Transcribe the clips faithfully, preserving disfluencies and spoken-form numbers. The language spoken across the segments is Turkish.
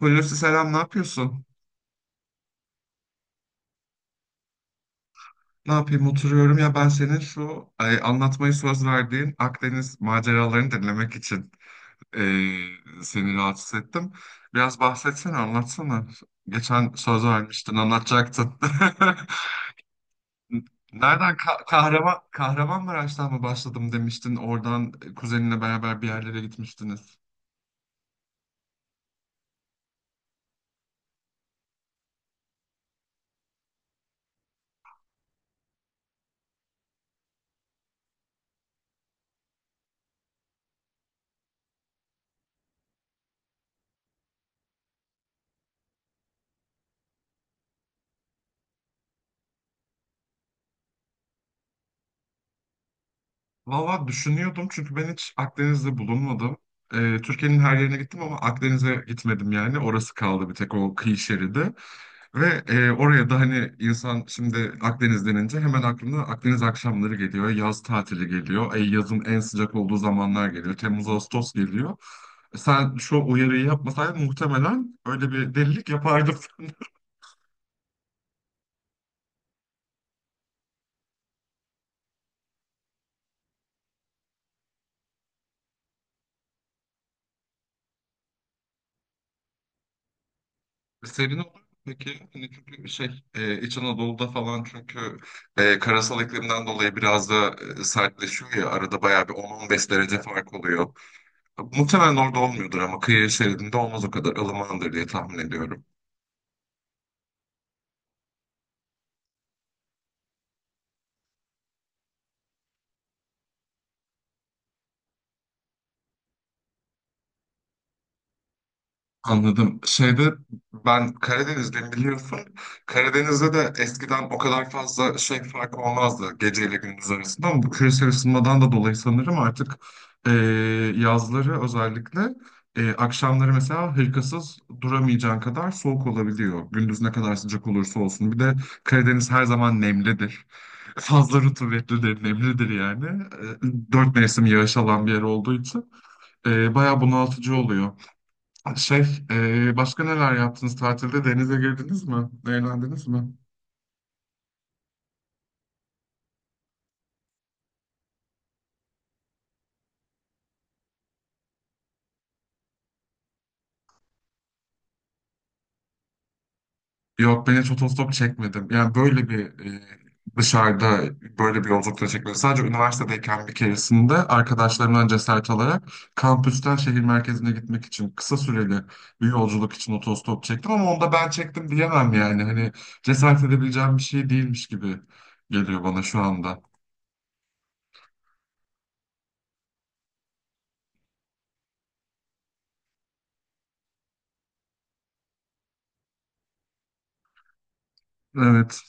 Hulusi selam, ne yapıyorsun? Ne yapayım oturuyorum ya ben senin şu ay, anlatmayı söz verdiğin Akdeniz maceralarını dinlemek için e, seni rahatsız ettim. Biraz bahsetsene, anlatsana. Geçen söz vermiştin, anlatacaktın. Nereden Ka Kahraman Kahramanmaraş'tan mı başladım demiştin? Oradan kuzeninle beraber bir yerlere gitmiştiniz. Valla düşünüyordum çünkü ben hiç Akdeniz'de bulunmadım. Ee, Türkiye'nin her yerine gittim ama Akdeniz'e gitmedim yani. Orası kaldı bir tek o kıyı şeridi. Ve e, oraya da hani insan şimdi Akdeniz denince hemen aklına Akdeniz akşamları geliyor. Yaz tatili geliyor. E, yazın en sıcak olduğu zamanlar geliyor. Temmuz, Ağustos geliyor. E, Sen şu uyarıyı yapmasaydın muhtemelen öyle bir delilik yapardım. Serin olur mu peki? Hani çünkü şey e, İç Anadolu'da falan çünkü e, karasal iklimden dolayı biraz da e, sertleşiyor ya arada bayağı bir on on beş derece fark oluyor. Muhtemelen orada olmuyordur ama kıyı şeridinde olmaz o kadar ılımandır diye tahmin ediyorum. Anladım. Şeyde ben Karadenizliyim biliyorsun. Karadeniz'de de eskiden o kadar fazla şey farkı olmazdı geceyle gündüz arasında ama bu küresel ısınmadan da dolayı sanırım artık e, yazları özellikle e, akşamları mesela hırkasız duramayacağın kadar soğuk olabiliyor. Gündüz ne kadar sıcak olursa olsun. Bir de Karadeniz her zaman nemlidir. Fazla rutubetlidir, nemlidir yani. E, dört mevsim yağış alan bir yer olduğu için e, bayağı bunaltıcı oluyor. Şey, e, başka neler yaptınız tatilde? Denize girdiniz mi? Eğlendiniz mi? Yok, ben hiç otostop çekmedim. Yani böyle bir e, dışarıda böyle bir yolculukta çekmedim. Sadece üniversitedeyken bir keresinde arkadaşlarımdan cesaret alarak kampüsten şehir merkezine gitmek için kısa süreli bir yolculuk için otostop çektim ama onda ben çektim diyemem yani. Hani cesaret edebileceğim bir şey değilmiş gibi geliyor bana şu anda. Evet.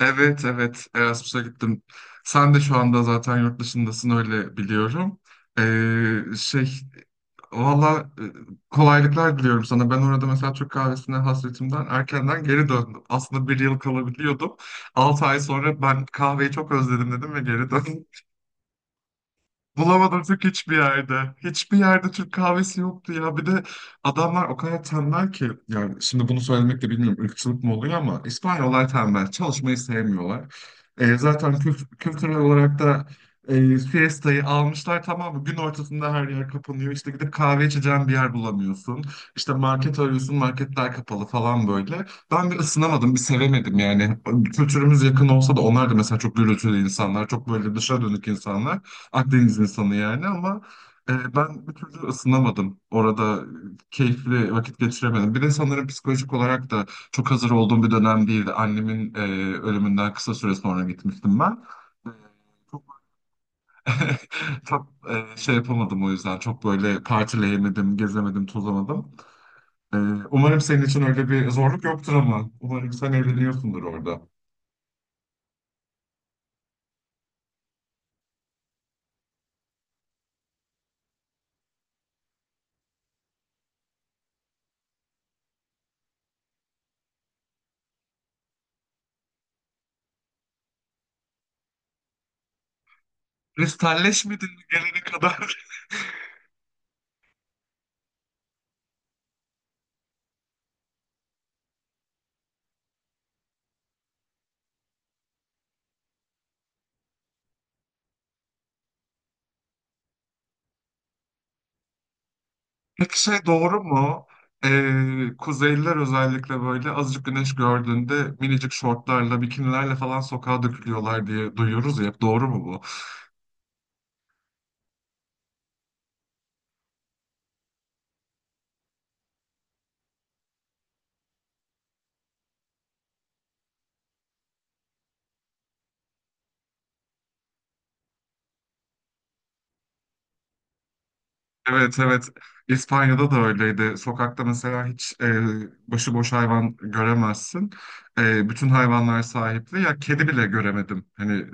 Evet evet Erasmus'a gittim. Sen de şu anda zaten yurt dışındasın öyle biliyorum. Ee, şey valla e, kolaylıklar diliyorum sana. Ben orada mesela Türk kahvesine hasretimden erkenden geri döndüm. Aslında bir yıl kalabiliyordum. altı ay sonra ben kahveyi çok özledim dedim ve geri döndüm. Bulamadım Türk hiçbir yerde. Hiçbir yerde Türk kahvesi yoktu ya. Bir de adamlar o kadar tembel ki yani şimdi bunu söylemek de bilmiyorum ırkçılık mı oluyor ama İspanyollar tembel. Çalışmayı sevmiyorlar. E, zaten kült- kültürel olarak da e, siestayı almışlar tamam mı? Gün ortasında her yer kapanıyor. İşte gidip kahve içeceğin bir yer bulamıyorsun. İşte market arıyorsun marketler kapalı falan böyle. Ben bir ısınamadım, bir sevemedim yani. Kültürümüz yakın olsa da onlar da mesela çok gürültülü insanlar, çok böyle dışa dönük insanlar. Akdeniz insanı yani ama e, ben bir türlü ısınamadım. Orada e, keyifli vakit geçiremedim. Bir de sanırım psikolojik olarak da çok hazır olduğum bir dönem değildi. Annemin e, ölümünden kısa süre sonra gitmiştim ben. E, Çok, çok e, şey yapamadım o yüzden. Çok böyle partileyemedim, gezemedim, tozamadım. E, umarım senin için öyle bir zorluk yoktur ama. Umarım sen eğleniyorsundur orada. Kristalleşmedin mi gelene kadar? Peki şey doğru mu? Ee, Kuzeyliler özellikle böyle azıcık güneş gördüğünde minicik şortlarla, bikinilerle falan sokağa dökülüyorlar diye duyuyoruz ya. Hep doğru mu bu? Evet evet İspanya'da da öyleydi. Sokakta mesela hiç e, başıboş hayvan göremezsin. E, bütün hayvanlar sahipli. Ya kedi bile göremedim. Hani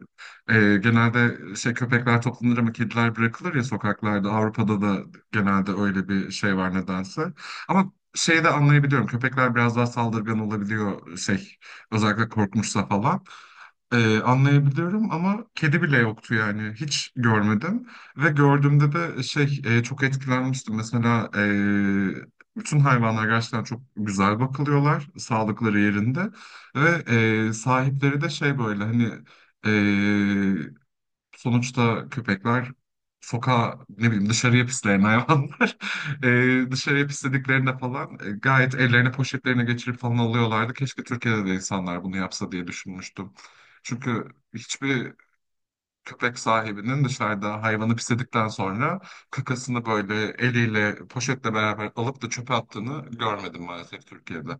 e, genelde şey köpekler toplanır ama kediler bırakılır ya sokaklarda. Avrupa'da da genelde öyle bir şey var nedense. Ama şeyi de anlayabiliyorum. Köpekler biraz daha saldırgan olabiliyor şey özellikle korkmuşsa falan. E, anlayabiliyorum ama kedi bile yoktu yani hiç görmedim. Ve gördüğümde de şey e, çok etkilenmiştim. Mesela e, bütün hayvanlar gerçekten çok güzel bakılıyorlar, sağlıkları yerinde ve e, sahipleri de şey böyle hani e, sonuçta köpekler sokağa ne bileyim dışarıya pisleyen hayvanlar E, dışarıya pislediklerinde falan e, gayet ellerine poşetlerine geçirip falan alıyorlardı. Keşke Türkiye'de de insanlar bunu yapsa diye düşünmüştüm. Çünkü hiçbir köpek sahibinin dışarıda hayvanı pisledikten sonra kakasını böyle eliyle poşetle beraber alıp da çöpe attığını görmedim maalesef Türkiye'de.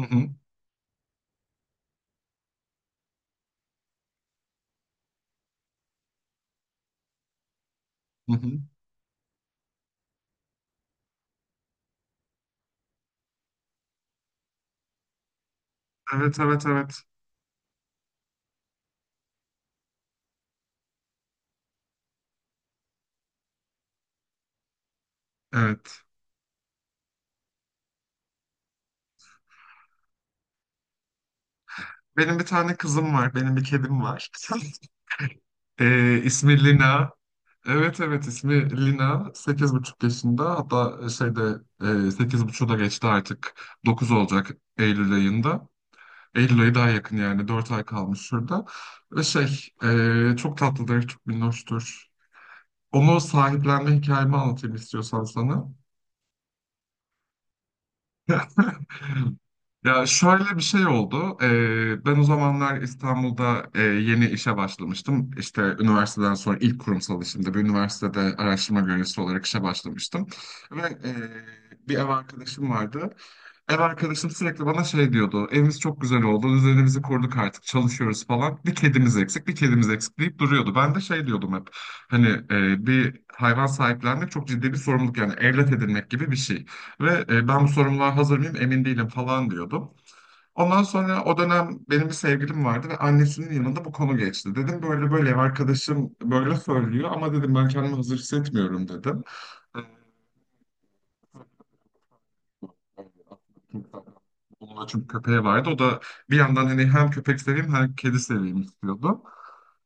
Hı hı, hı hı. Evet evet evet. Evet. Benim bir tane kızım var. Benim bir kedim var. Ee, ismi Lina. Evet evet ismi Lina. Sekiz buçuk yaşında. Hatta şeyde e, sekiz buçuğu da geçti artık. Dokuz olacak Eylül ayında. Eylül ayı daha yakın yani. Dört ay kalmış şurada. Ve şey e, çok tatlıdır, çok minnoştur. Onu sahiplenme hikayemi anlatayım istiyorsan sana. Ya şöyle bir şey oldu. Ee, ben o zamanlar İstanbul'da e, yeni işe başlamıştım. İşte üniversiteden sonra ilk kurumsal işimde bir üniversitede araştırma görevlisi olarak işe başlamıştım. Ve e, bir ev arkadaşım vardı. Ev arkadaşım sürekli bana şey diyordu. Evimiz çok güzel oldu. Düzenimizi kurduk artık. Çalışıyoruz falan. Bir kedimiz eksik, bir kedimiz eksik deyip duruyordu. Ben de şey diyordum hep. Hani e, bir hayvan sahiplenmek çok ciddi bir sorumluluk. Yani evlat edinmek gibi bir şey. Ve e, ben bu sorumluluğa hazır mıyım emin değilim falan diyordum. Ondan sonra o dönem benim bir sevgilim vardı ve annesinin yanında bu konu geçti. Dedim böyle böyle ev arkadaşım böyle söylüyor ama dedim ben kendimi hazır hissetmiyorum dedim. Onun da çünkü köpeği vardı. O da bir yandan hani hem köpek seveyim hem kedi seveyim istiyordu.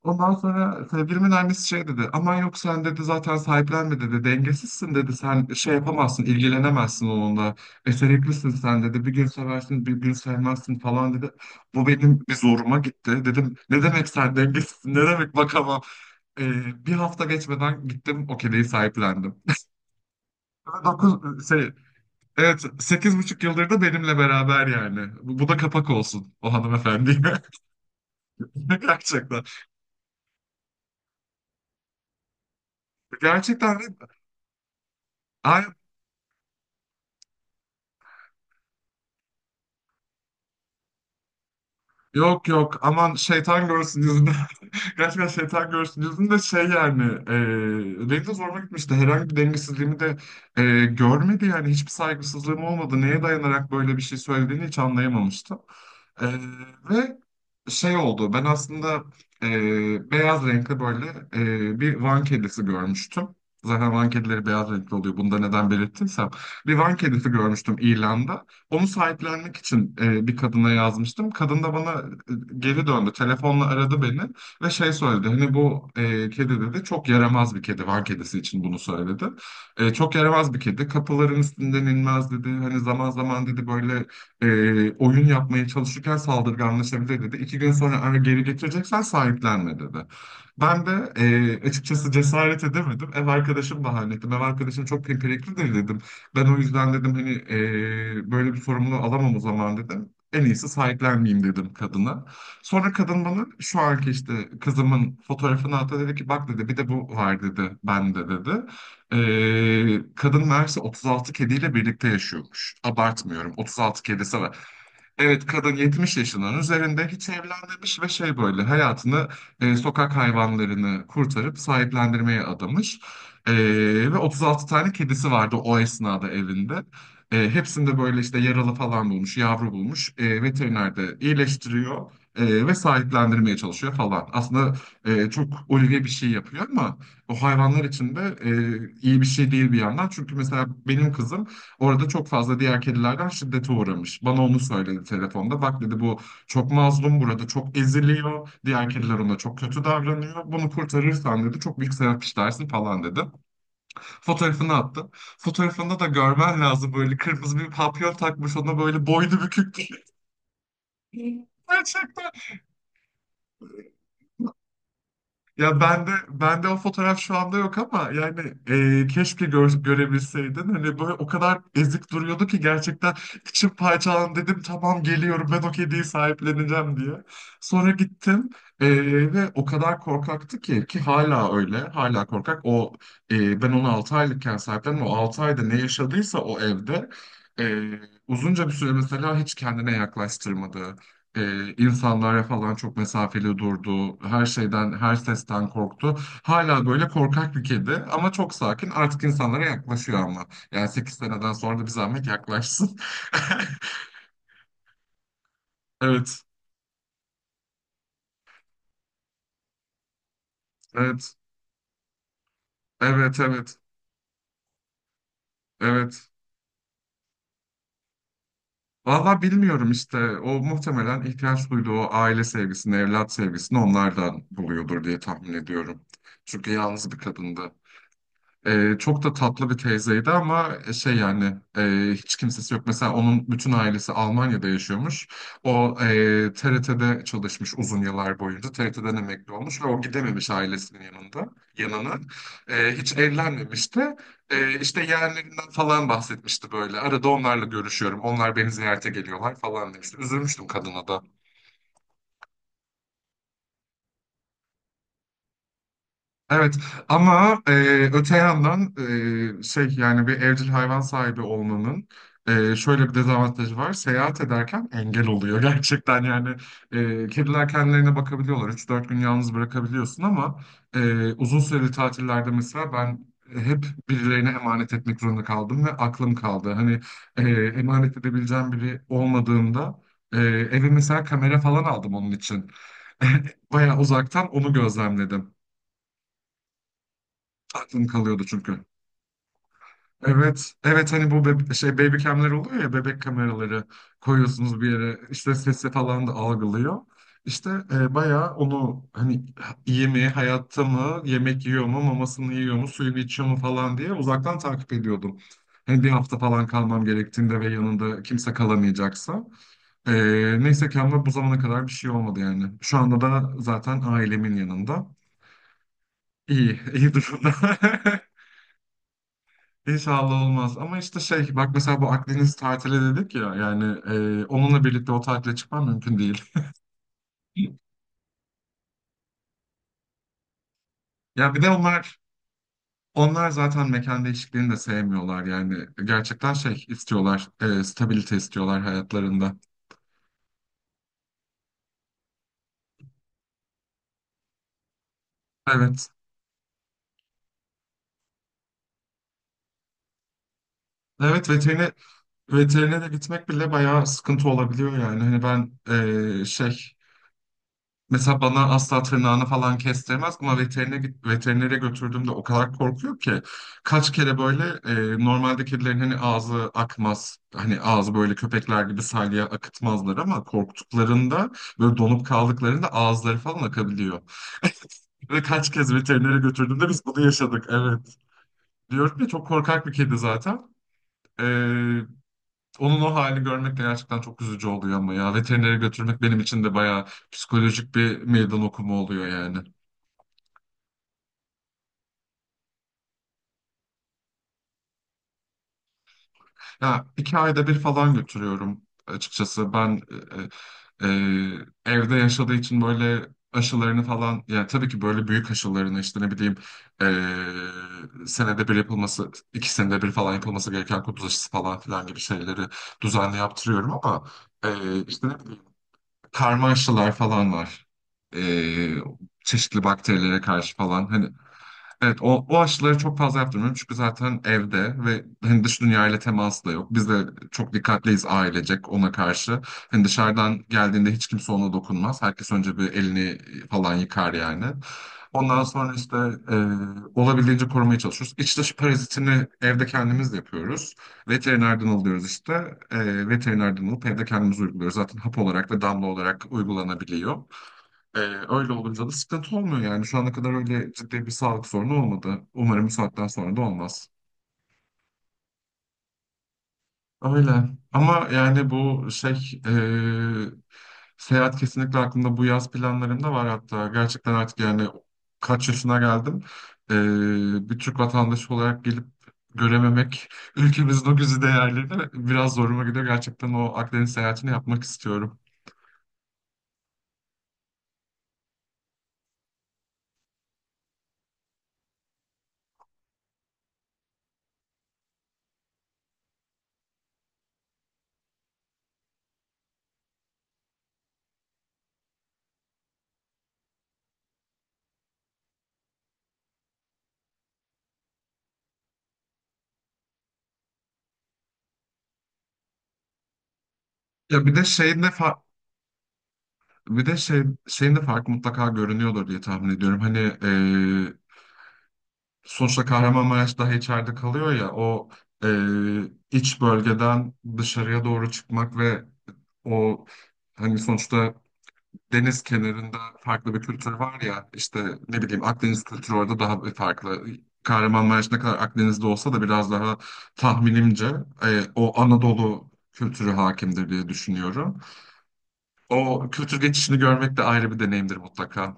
Ondan sonra sevgilimin annesi şey dedi. Aman yok sen dedi zaten sahiplenme dedi. Dengesizsin dedi. Sen şey yapamazsın, ilgilenemezsin onunla. Beceriklisin sen dedi. Bir gün seversin, bir gün sevmezsin falan dedi. Bu benim bir zoruma gitti. Dedim ne demek sen dengesizsin, ne demek bakamam. Ee, bir hafta geçmeden gittim o kediyi sahiplendim. dokuz. Evet, sekiz buçuk yıldır da benimle beraber yani. Bu, bu da kapak olsun o hanımefendiye. Gerçekten. Gerçekten de- Ay, yok yok aman şeytan görsün yüzünü. Gerçekten şeytan görsün de şey yani e, benim de zoruma gitmişti. Herhangi bir dengesizliğimi de e, görmedi yani hiçbir saygısızlığım olmadı. Neye dayanarak böyle bir şey söylediğini hiç anlayamamıştım. E, ve şey oldu ben aslında e, beyaz renkli böyle e, bir Van kedisi görmüştüm. Zaten Van kedileri beyaz renkli oluyor. Bunu da neden belirttiysem. Bir Van kedisi görmüştüm ilanda. Onu sahiplenmek için e, bir kadına yazmıştım. Kadın da bana e, geri döndü. Telefonla aradı beni. Ve şey söyledi hani bu e, kedi dedi çok yaramaz bir kedi Van kedisi için bunu söyledi. E, çok yaramaz bir kedi kapıların üstünden inmez dedi. Hani zaman zaman dedi böyle e, oyun yapmaya çalışırken saldırganlaşabilir dedi. İki gün sonra eğer geri getireceksen sahiplenme dedi. Ben de e, açıkçası cesaret edemedim. Ev arkadaşım bahane ettim. Ev arkadaşım çok pimpiriklidir dedim. Ben o yüzden dedim hani e, böyle bir sorumluluğu alamam o zaman dedim. En iyisi sahiplenmeyeyim dedim kadına. Sonra kadın bana şu anki işte kızımın fotoğrafını attı dedi ki bak dedi bir de bu var dedi bende dedi. Ee, kadın meğerse otuz altı kediyle birlikte yaşıyormuş. Abartmıyorum otuz altı kedisi. Evet, kadın yetmiş yaşının üzerinde hiç evlenmemiş ve şey böyle hayatını e, sokak hayvanlarını kurtarıp sahiplendirmeye adamış. E, ve otuz altı tane kedisi vardı o esnada evinde. E, hepsinde böyle işte yaralı falan bulmuş, yavru bulmuş. E, veteriner de iyileştiriyor e, ve sahiplendirmeye çalışıyor falan. Aslında e, çok ulvi bir şey yapıyor ama o hayvanlar için de e, iyi bir şey değil bir yandan. Çünkü mesela benim kızım orada çok fazla diğer kedilerden şiddete uğramış. Bana onu söyledi telefonda. Bak dedi bu çok mazlum burada çok eziliyor. Diğer kediler ona çok kötü davranıyor. Bunu kurtarırsan dedi çok büyük sevap işlersin falan dedi. Fotoğrafını attı. Fotoğrafında da görmen lazım böyle kırmızı bir papyon takmış ona böyle boynu bükük. Gerçekten. Ya ben de ben de o fotoğraf şu anda yok ama yani e, keşke gör- görebilseydin. Hani böyle o kadar ezik duruyordu ki gerçekten içim parçalandı dedim tamam geliyorum ben o kediyi sahipleneceğim diye. Sonra gittim e, ve o kadar korkaktı ki ki hala öyle hala korkak. O e, ben onu altı aylıkken sahiplendim. O altı ayda ne yaşadıysa o evde e, uzunca bir süre mesela hiç kendine yaklaştırmadı e, insanlara falan çok mesafeli durdu. Her şeyden, her sesten korktu. Hala böyle korkak bir kedi ama çok sakin. Artık insanlara yaklaşıyor ama. Yani sekiz seneden sonra da bir zahmet yaklaşsın. Evet, evet, evet, evet, evet. Valla bilmiyorum işte. O muhtemelen ihtiyaç duyduğu o aile sevgisini, evlat sevgisini onlardan buluyordur diye tahmin ediyorum. Çünkü yalnız bir kadındı. Ee, çok da tatlı bir teyzeydi ama e, şey yani e, hiç kimsesi yok. Mesela onun bütün ailesi Almanya'da yaşıyormuş. O e, T R T'de çalışmış uzun yıllar boyunca. T R T'den emekli olmuş ve o gidememiş ailesinin yanında yanına. E, hiç evlenmemişti. E, işte yeğenlerinden falan bahsetmişti böyle. Arada onlarla görüşüyorum. Onlar beni ziyarete geliyorlar falan demişti. Üzülmüştüm kadına da. Evet ama e, öte yandan e, şey yani bir evcil hayvan sahibi olmanın e, şöyle bir dezavantajı var. Seyahat ederken engel oluyor gerçekten yani e, kediler kendilerine bakabiliyorlar. Üç dört gün yalnız bırakabiliyorsun ama e, uzun süreli tatillerde mesela ben hep birilerine emanet etmek zorunda kaldım ve aklım kaldı. Hani e, emanet edebileceğim biri olmadığında e, eve mesela kamera falan aldım onun için. Bayağı uzaktan onu gözlemledim. Aklım kalıyordu çünkü. Evet, evet hani bu bebe- şey baby cam'ler oluyor ya bebek kameraları koyuyorsunuz bir yere işte sesi falan da algılıyor. İşte e, bayağı onu hani iyi mi, hayatta mı, yemek yiyor mu, mamasını yiyor mu, suyunu içiyor mu falan diye uzaktan takip ediyordum. Hani bir hafta falan kalmam gerektiğinde ve yanında kimse kalamayacaksa. E, neyse ki ama bu zamana kadar bir şey olmadı yani. Şu anda da zaten ailemin yanında. İyi, iyi durumda. İnşallah olmaz. Ama işte şey bak mesela bu Akdeniz tatili dedik ya yani e, onunla birlikte o tatile çıkmam mümkün değil. Ya bir de onlar onlar zaten mekan değişikliğini de sevmiyorlar yani gerçekten şey istiyorlar e, stabilite istiyorlar hayatlarında. Evet. Evet veterine veterine de gitmek bile bayağı sıkıntı olabiliyor yani. Hani ben e, şey Mesela bana asla tırnağını falan kestirmez ama veterine git- veterinere götürdüğümde o kadar korkuyor ki kaç kere böyle e, normalde kedilerin hani ağzı akmaz hani ağzı böyle köpekler gibi salya akıtmazlar ama korktuklarında böyle donup kaldıklarında ağızları falan akabiliyor. Ve kaç kez veterinere götürdüğümde biz bunu yaşadık evet. Diyorum ya çok korkak bir kedi zaten. E, onun o halini görmek de gerçekten çok üzücü oluyor ama ya veterinere götürmek benim için de bayağı psikolojik bir meydan okuma oluyor yani. Ya iki ayda bir falan götürüyorum açıkçası. Ben e, e, e, evde yaşadığı için böyle aşılarını falan yani tabii ki böyle büyük aşılarını işte ne bileyim e, senede bir yapılması iki senede bir falan yapılması gereken kuduz aşısı falan filan gibi şeyleri düzenli yaptırıyorum ama e, işte ne bileyim karma aşılar falan var. E, çeşitli bakterilere karşı falan hani. Evet, o, o aşıları çok fazla yaptırmıyorum çünkü zaten evde ve hani dış dünyayla teması da yok. Biz de çok dikkatliyiz ailecek ona karşı. Hani dışarıdan geldiğinde hiç kimse ona dokunmaz. Herkes önce bir elini falan yıkar yani. Ondan sonra işte e, olabildiğince korumaya çalışıyoruz. İç dış parazitini evde kendimiz yapıyoruz. Veterinerden alıyoruz işte. E, veterinerden alıp evde kendimiz uyguluyoruz. Zaten hap olarak ve damla olarak uygulanabiliyor. Ee, öyle olunca da sıkıntı olmuyor yani. Şu ana kadar öyle ciddi bir sağlık sorunu olmadı. Umarım bu saatten sonra da olmaz. Öyle. Ama yani bu şey e, seyahat kesinlikle aklımda bu yaz planlarımda var hatta. Gerçekten artık yani kaç yaşına geldim. E, bir Türk vatandaşı olarak gelip görememek ülkemizin o güzide değerlerini biraz zoruma gidiyor. Gerçekten o Akdeniz seyahatini yapmak istiyorum. Ya bir de şeyin de fa- Bir de şey, senin de fark mutlaka görünüyordur diye tahmin ediyorum. Hani e, sonuçta Kahramanmaraş daha içeride kalıyor ya o e, iç bölgeden dışarıya doğru çıkmak ve o hani sonuçta deniz kenarında farklı bir kültür var ya işte ne bileyim Akdeniz kültürü orada daha bir farklı. Kahramanmaraş ne kadar Akdeniz'de olsa da biraz daha tahminimce e, o Anadolu kültürü hakimdir diye düşünüyorum. O kültür geçişini görmek de ayrı bir deneyimdir mutlaka.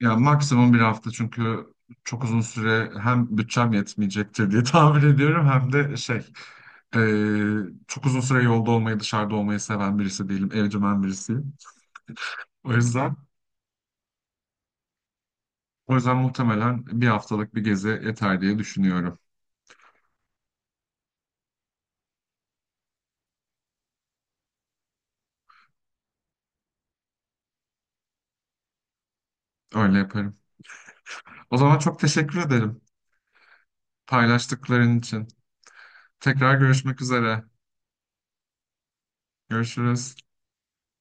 Ya maksimum bir hafta çünkü çok uzun süre hem bütçem yetmeyecektir diye tahmin ediyorum hem de şey e, çok uzun süre yolda olmayı dışarıda olmayı seven birisi değilim evcimen birisiyim. O yüzden o yüzden muhtemelen bir haftalık bir gezi yeter diye düşünüyorum. Öyle yaparım. O zaman çok teşekkür ederim paylaştıkların için. Tekrar görüşmek üzere. Görüşürüz.